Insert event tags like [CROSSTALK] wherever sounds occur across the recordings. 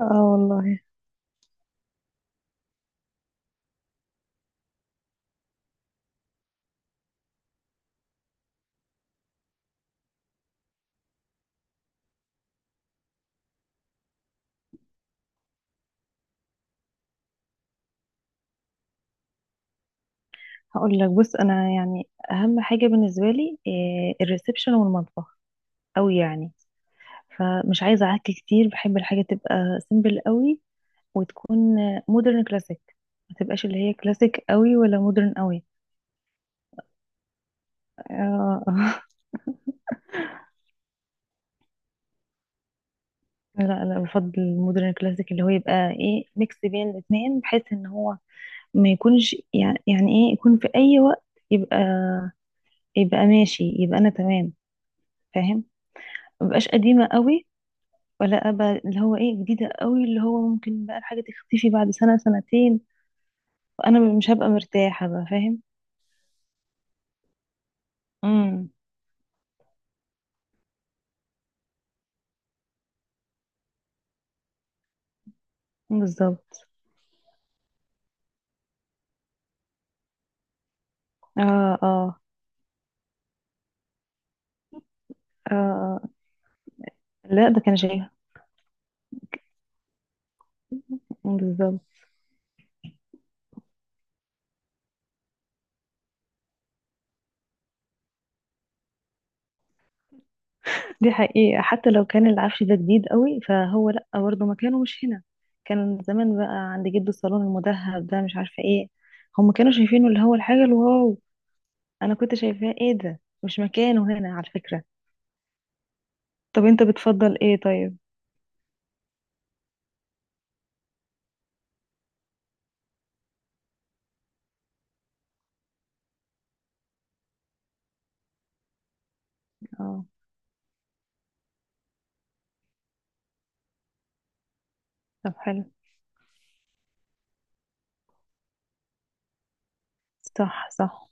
اه والله. هقول لك، بص، انا يعني اهم حاجه بالنسبه لي الريسبشن والمطبخ قوي يعني. فمش عايزه عك كتير، بحب الحاجه تبقى سيمبل قوي، وتكون مودرن كلاسيك، ما تبقاش اللي هي كلاسيك قوي ولا مودرن قوي. آه [LAUGHS] لا لا، بفضل المودرن كلاسيك اللي هو يبقى ميكس بين الاثنين، بحيث ان هو ما يكونش يعني يكون في اي وقت يبقى يبقى ماشي، يبقى انا تمام. فاهم. ما بقاش قديمه قوي، ولا ابقى اللي هو جديده قوي اللي هو ممكن بقى الحاجه تختفي بعد سنه سنتين، وانا مش هبقى مرتاحه بقى. فاهم. امم. بالظبط. اه، اه، اه. لا، ده كان شيء. بالظبط. دي حقيقه، حتى لو كان العفش ده جديد قوي فهو لا، برضه مكانه مش هنا. كان زمان بقى عند جده الصالون المذهب ده، مش عارفه ايه. هم كانوا شايفينه اللي هو الحاجه الواو. انا كنت شايفاه ده مش مكانه هنا، على فكره. طب انت بتفضل ايه طيب؟ اه. طب حلو. صح، صح.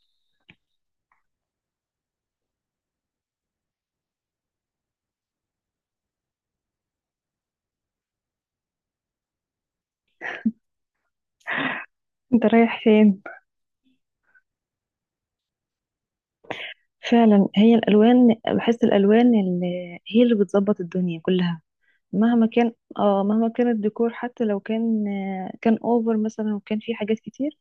انت رايح فين؟ فعلا، هي الالوان، بحس الالوان اللي هي اللي بتظبط الدنيا كلها. مهما كان. اه، مهما كان الديكور، حتى لو كان كان اوفر مثلا، وكان فيه حاجات كتير.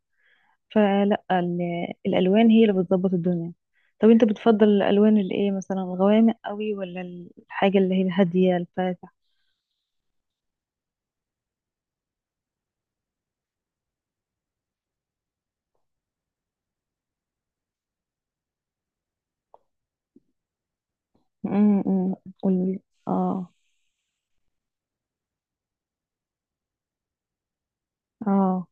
فلا، الالوان هي اللي بتظبط الدنيا. طب انت بتفضل الالوان اللي مثلا الغوامق قوي، ولا الحاجه اللي هي الهاديه الفاتحه؟ امم. قولي. اه، اه.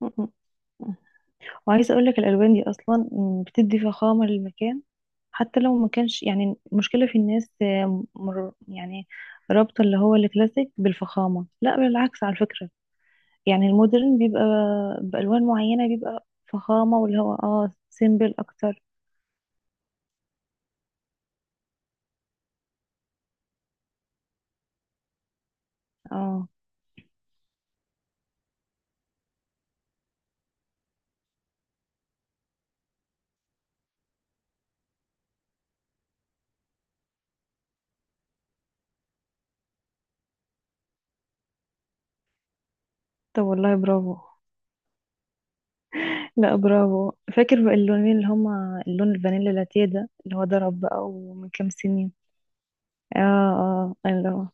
م- م. وعايزه اقول لك الالوان دي اصلا بتدي فخامه للمكان، حتى لو ما كانش يعني. المشكلة في الناس مر يعني رابطة اللي هو الكلاسيك بالفخامة. لا، بالعكس على فكرة. يعني المودرن بيبقى بألوان معينة بيبقى فخامة، واللي هو سيمبل أكتر. اه. طب والله برافو. لا، برافو. فاكر بقى اللونين اللي هما اللون الفانيلا لاتيه ده اللي هو ضرب بقى ومن كام سنين. اه، اه.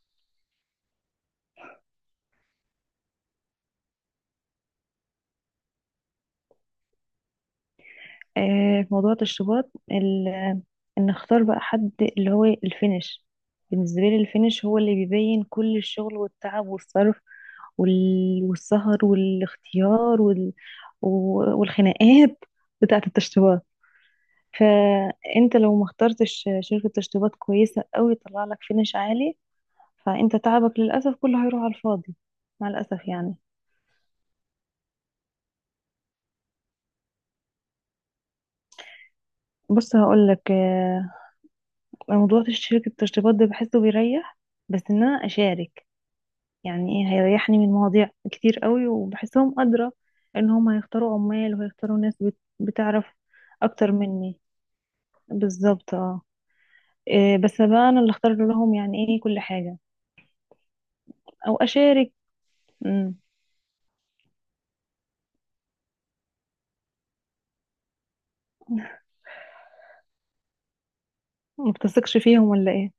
في موضوع التشطيبات ان اختار بقى حد اللي هو الفينش. بالنسبه لي الفينش هو اللي بيبين كل الشغل والتعب والصرف والسهر والاختيار والخناقات بتاعه التشطيبات. فانت لو ما اخترتش شركه تشطيبات كويسه قوي تطلع لك فينش عالي، فانت تعبك للاسف كله هيروح على الفاضي. مع الاسف يعني. بص هقول لك موضوع شركه التشطيبات ده بحسه بيريح، بس ان انا اشارك يعني ايه هيريحني من مواضيع كتير قوي، وبحسهم أدرى ان هم هيختاروا عمال وهيختاروا ناس بتعرف اكتر مني. بالظبط، اه. إيه، بس بقى انا اللي اختار لهم يعني ايه كل حاجة، او اشارك. امم. ما بتثقش فيهم ولا ايه؟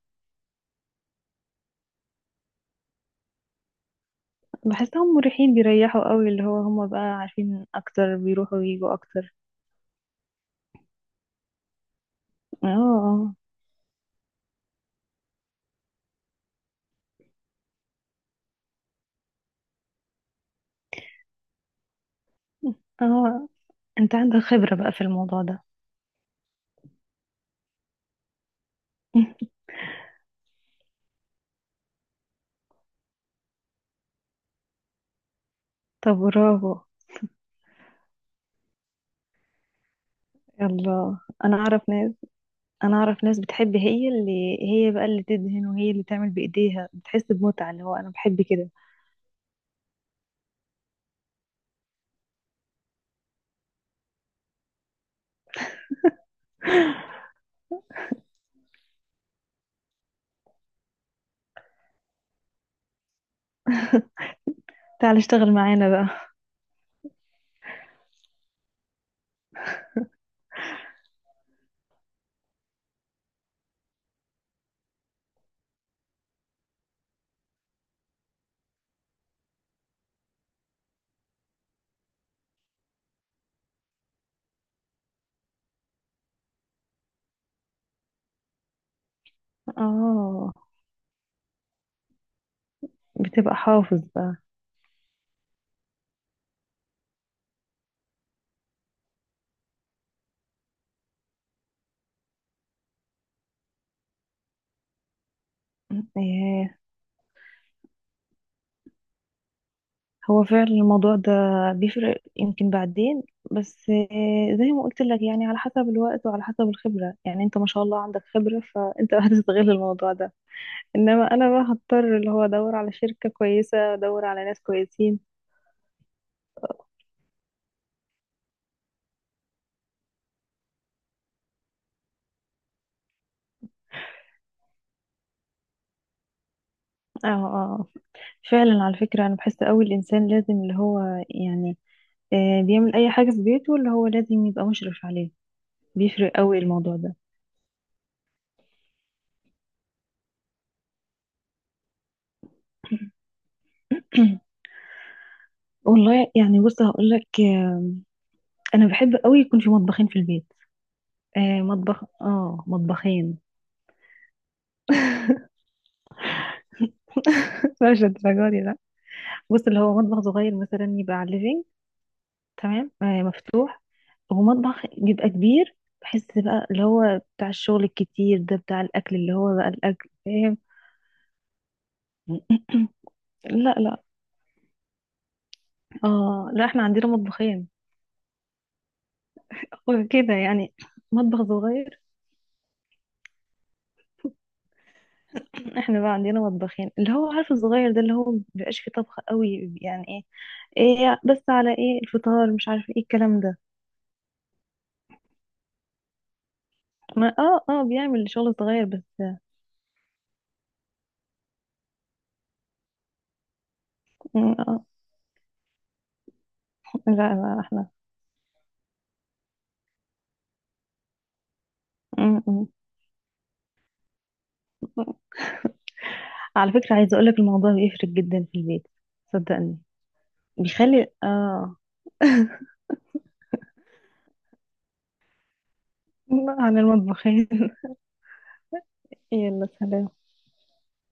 بحسهم مريحين، بيريحوا قوي، اللي هو هم بقى عارفين اكتر، بيروحوا ويجوا اكتر. اه، اه، اه. انت عندك خبرة بقى في الموضوع ده. [LAUGHS] طب برافو. يلا. انا اعرف ناس. انا اعرف ناس بتحب هي اللي هي بقى اللي تدهن وهي اللي تعمل بايديها، بتحس بمتعة اللي هو انا بحب كده. تعال اشتغل معانا بقى. [LAUGHS] اه. بتبقى حافظ بقى. إيه، هو فعلا الموضوع ده بيفرق يمكن بعدين، بس زي ما قلت لك يعني، على حسب الوقت وعلى حسب الخبرة، يعني انت ما شاء الله عندك خبرة فانت [LAUGHS] هتستغل الموضوع ده. انما انا بقى هضطر اللي هو ادور على شركة كويسة، ادور على ناس كويسين. اه، اه. آه. فعلا على فكرة أنا بحس أوي الإنسان لازم اللي هو يعني بيعمل أي حاجة في بيته اللي هو لازم يبقى مشرف عليه. بيفرق أوي الموضوع ده. [CLEARS THROAT] والله يعني، بص هقول لك أنا بحب أوي يكون في مطبخين في البيت. مطبخ، مطبخين. [LAUGHS] مش الدرجة دي، لا. بص، اللي هو مطبخ صغير مثلا يبقى على الليفينج، تمام، مفتوح. ومطبخ بيبقى كبير. بحس بقى اللي هو بتاع الشغل الكتير ده، بتاع الأكل، اللي هو بقى الأكل، فاهم. [CLEARS THROAT] لا، لا. اه، لا احنا عندنا مطبخين. وكده يعني. مطبخ صغير. احنا بقى عندنا مطبخين، اللي هو عارف الصغير ده اللي هو مبيبقاش فيه طبخ قوي، يعني ايه. ايه بس على ايه الفطار مش عارف ايه الكلام ده. ما بيعمل شغل صغير بس. م- آه لا، لا احنا. م- م. على فكرة عايزة اقولك الموضوع بيفرق جدا في البيت. صدقني. بيخلي [LAUGHS] عن المطبخين. يلا سلام.